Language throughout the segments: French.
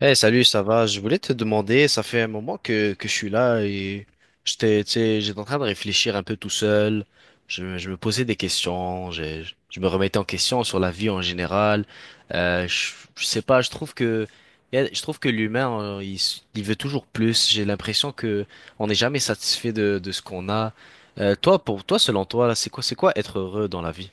Hey, salut, ça va? Je voulais te demander, ça fait un moment que je suis là et j'étais, tu sais, j'étais en train de réfléchir un peu tout seul. Je me posais des questions, je me remettais en question sur la vie en général. Euh, je, je sais pas, je trouve je trouve que l'humain, il veut toujours plus. J'ai l'impression que on n'est jamais satisfait de ce qu'on a. Toi, pour toi, selon toi, là, c'est quoi être heureux dans la vie?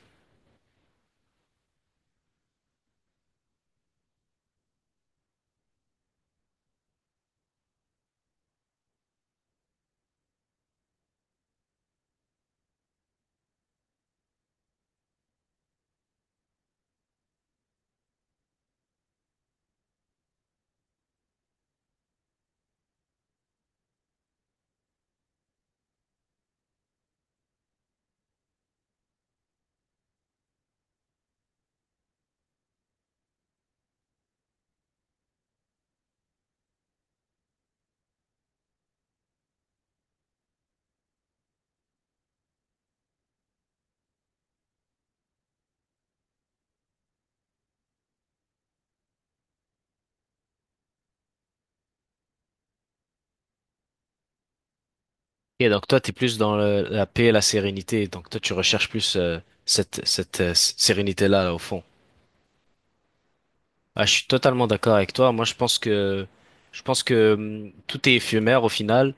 Et donc toi, t'es plus dans la paix et la sérénité. Donc toi, tu recherches plus cette sérénité-là, là, au fond. Ah, je suis totalement d'accord avec toi. Moi, je pense que tout est éphémère au final.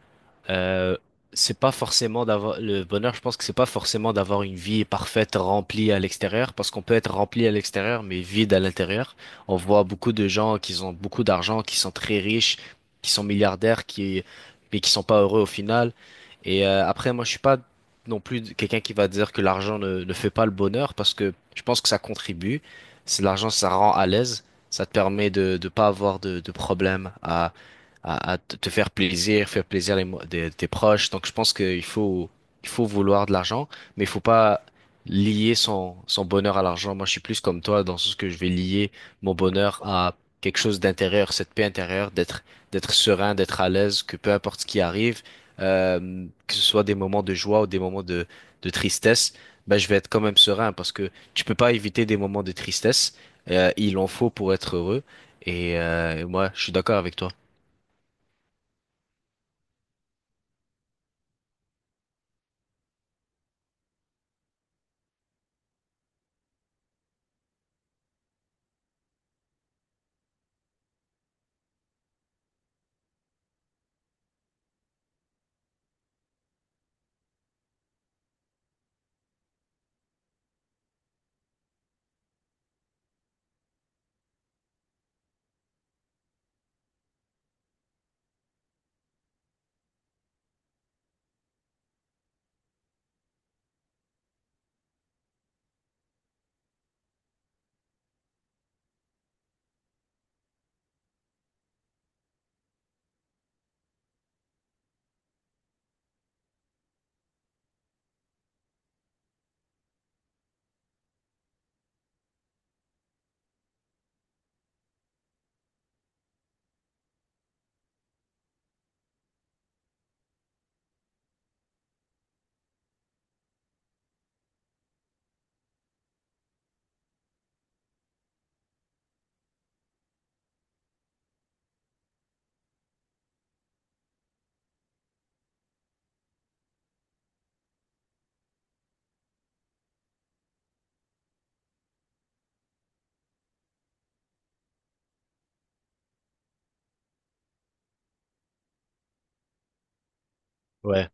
Euh, c'est pas forcément d'avoir le bonheur. Je pense que c'est pas forcément d'avoir une vie parfaite remplie à l'extérieur, parce qu'on peut être rempli à l'extérieur mais vide à l'intérieur. On voit beaucoup de gens qui ont beaucoup d'argent, qui sont très riches, qui sont milliardaires, qui mais qui sont pas heureux au final. Et après, moi, je suis pas non plus quelqu'un qui va dire que l'argent ne fait pas le bonheur, parce que je pense que ça contribue. C'est l'argent, ça rend à l'aise. Ça te permet de ne pas avoir de problème à te faire plaisir tes proches. Donc je pense il faut vouloir de l'argent, mais il faut pas lier son bonheur à l'argent. Moi, je suis plus comme toi dans ce sens que je vais lier mon bonheur à quelque chose d'intérieur, cette paix intérieure, d'être serein, d'être à l'aise, que peu importe ce qui arrive, que ce soit des moments de joie ou des moments de tristesse, ben, je vais être quand même serein parce que tu peux pas éviter des moments de tristesse. Il en faut pour être heureux. Et moi, je suis d'accord avec toi. Ouais,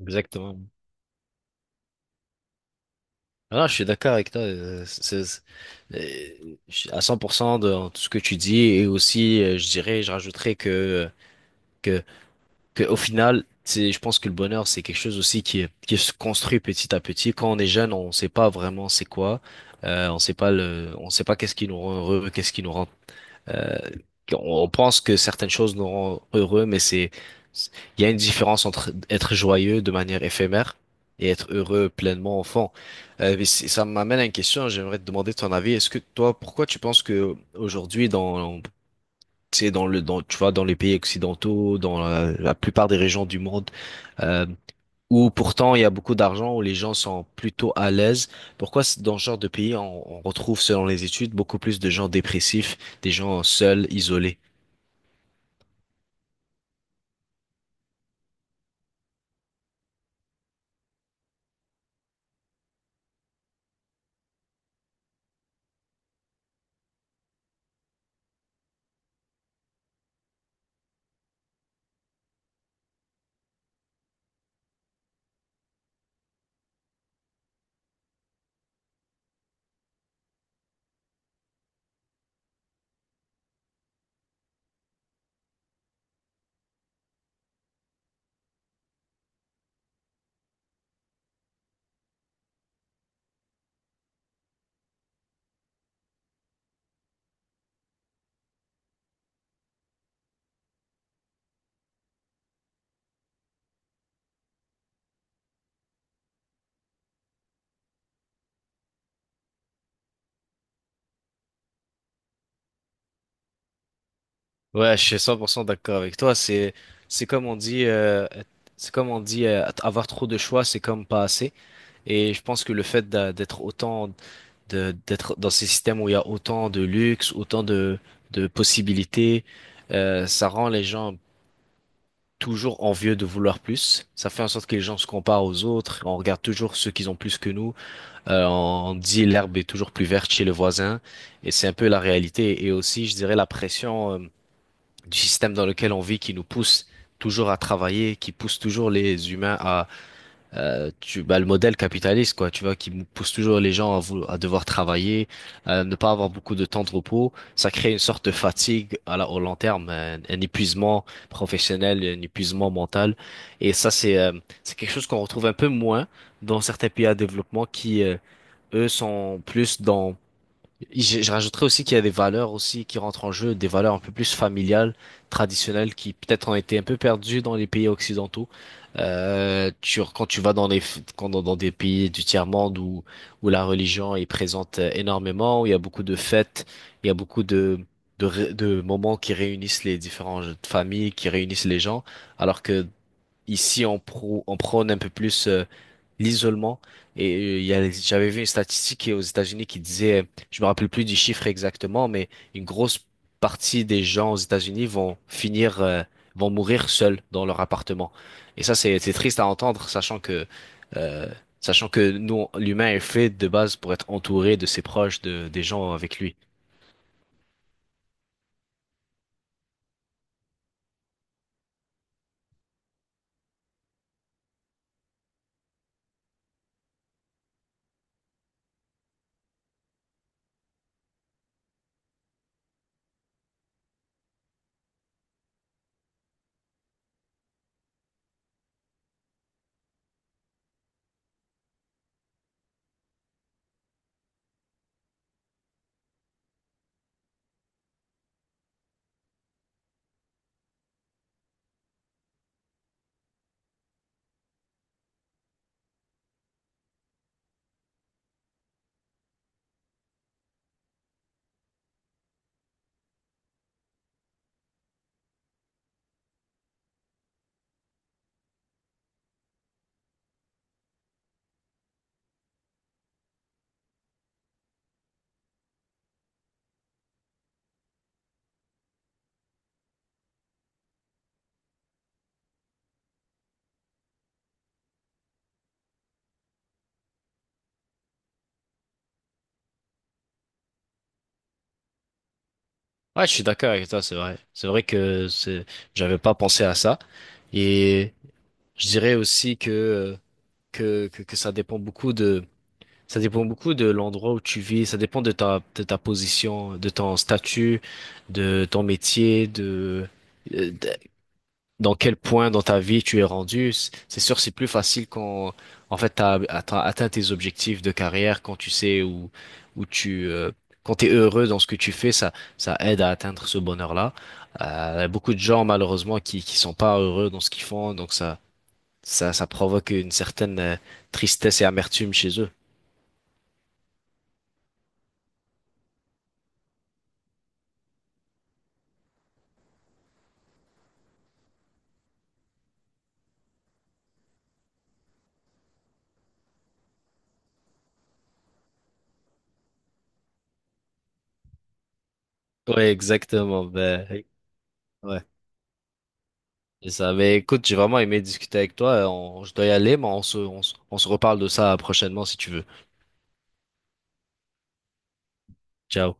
exactement. Ah, je suis d'accord avec toi. Je suis à 100% de en tout ce que tu dis. Et aussi, je dirais, je rajouterais que, que au final, c'est, je pense que le bonheur, c'est quelque chose aussi qui se construit petit à petit. Quand on est jeune, on sait pas vraiment c'est quoi. On sait pas le, on sait pas qu'est-ce qui nous rend heureux, qu'est-ce qui nous rend… Euh, on pense que certaines choses nous rendent heureux, il y a une différence entre être joyeux de manière éphémère et être heureux pleinement au fond. Ça m'amène à une question, hein. J'aimerais te demander ton avis. Pourquoi tu penses que aujourd'hui, tu sais, tu vois, dans les pays occidentaux, dans la plupart des régions du monde, euh, où pourtant il y a beaucoup d'argent, où les gens sont plutôt à l'aise. Dans ce genre de pays, on retrouve, selon les études, beaucoup plus de gens dépressifs, des gens seuls, isolés? Ouais, je suis 100% d'accord avec toi. C'est comme on dit, c'est comme on dit, avoir trop de choix, c'est comme pas assez. Et je pense que le fait d'être autant, d'être dans ces systèmes où il y a autant de luxe, autant de possibilités, ça rend les gens toujours envieux de vouloir plus. Ça fait en sorte que les gens se comparent aux autres. On regarde toujours ceux qui ont plus que nous. On dit l'herbe est toujours plus verte chez le voisin. Et c'est un peu la réalité. Et aussi, je dirais, la pression, du système dans lequel on vit qui nous pousse toujours à travailler, qui pousse toujours les humains à… tu bah, le modèle capitaliste quoi, tu vois, qui pousse toujours les gens à, à devoir travailler, à ne pas avoir beaucoup de temps de repos. Ça crée une sorte de fatigue à au long terme, un épuisement professionnel, un épuisement mental. Et ça, c'est quelque chose qu'on retrouve un peu moins dans certains pays à développement qui eux sont plus dans… je rajouterais aussi qu'il y a des valeurs aussi qui rentrent en jeu, des valeurs un peu plus familiales, traditionnelles, qui peut-être ont été un peu perdues dans les pays occidentaux. Quand tu vas dans les, dans des pays du tiers-monde où, où la religion est présente énormément, où il y a beaucoup de fêtes, il y a beaucoup de moments qui réunissent les différentes familles, qui réunissent les gens, alors que ici on prône un peu plus l'isolement. Et j'avais vu une statistique aux États-Unis qui disait, je me rappelle plus du chiffre exactement, mais une grosse partie des gens aux États-Unis vont finir, vont mourir seuls dans leur appartement. Et ça, c'est triste à entendre, euh, sachant que nous, l'humain est fait de base pour être entouré de ses proches, de des gens avec lui. Ouais, je suis d'accord avec toi, c'est vrai. J'avais pas pensé à ça. Et je dirais aussi que que ça dépend beaucoup de, ça dépend beaucoup de l'endroit où tu vis, ça dépend de de ta position, de ton statut, de ton métier, euh, de- dans quel point dans ta vie tu es rendu. C'est sûr, c'est plus facile quand, en fait, t'as atteint tes objectifs de carrière, quand tu sais où, où tu, euh, quand t'es heureux dans ce que tu fais, ça aide à atteindre ce bonheur-là. Beaucoup de gens, malheureusement, qui sont pas heureux dans ce qu'ils font, donc ça provoque une certaine tristesse et amertume chez eux. Ouais, exactement. Ben, ouais, c'est ça. Mais écoute, j'ai vraiment aimé discuter avec toi. Je dois y aller, mais on se reparle de ça prochainement si tu veux. Ciao.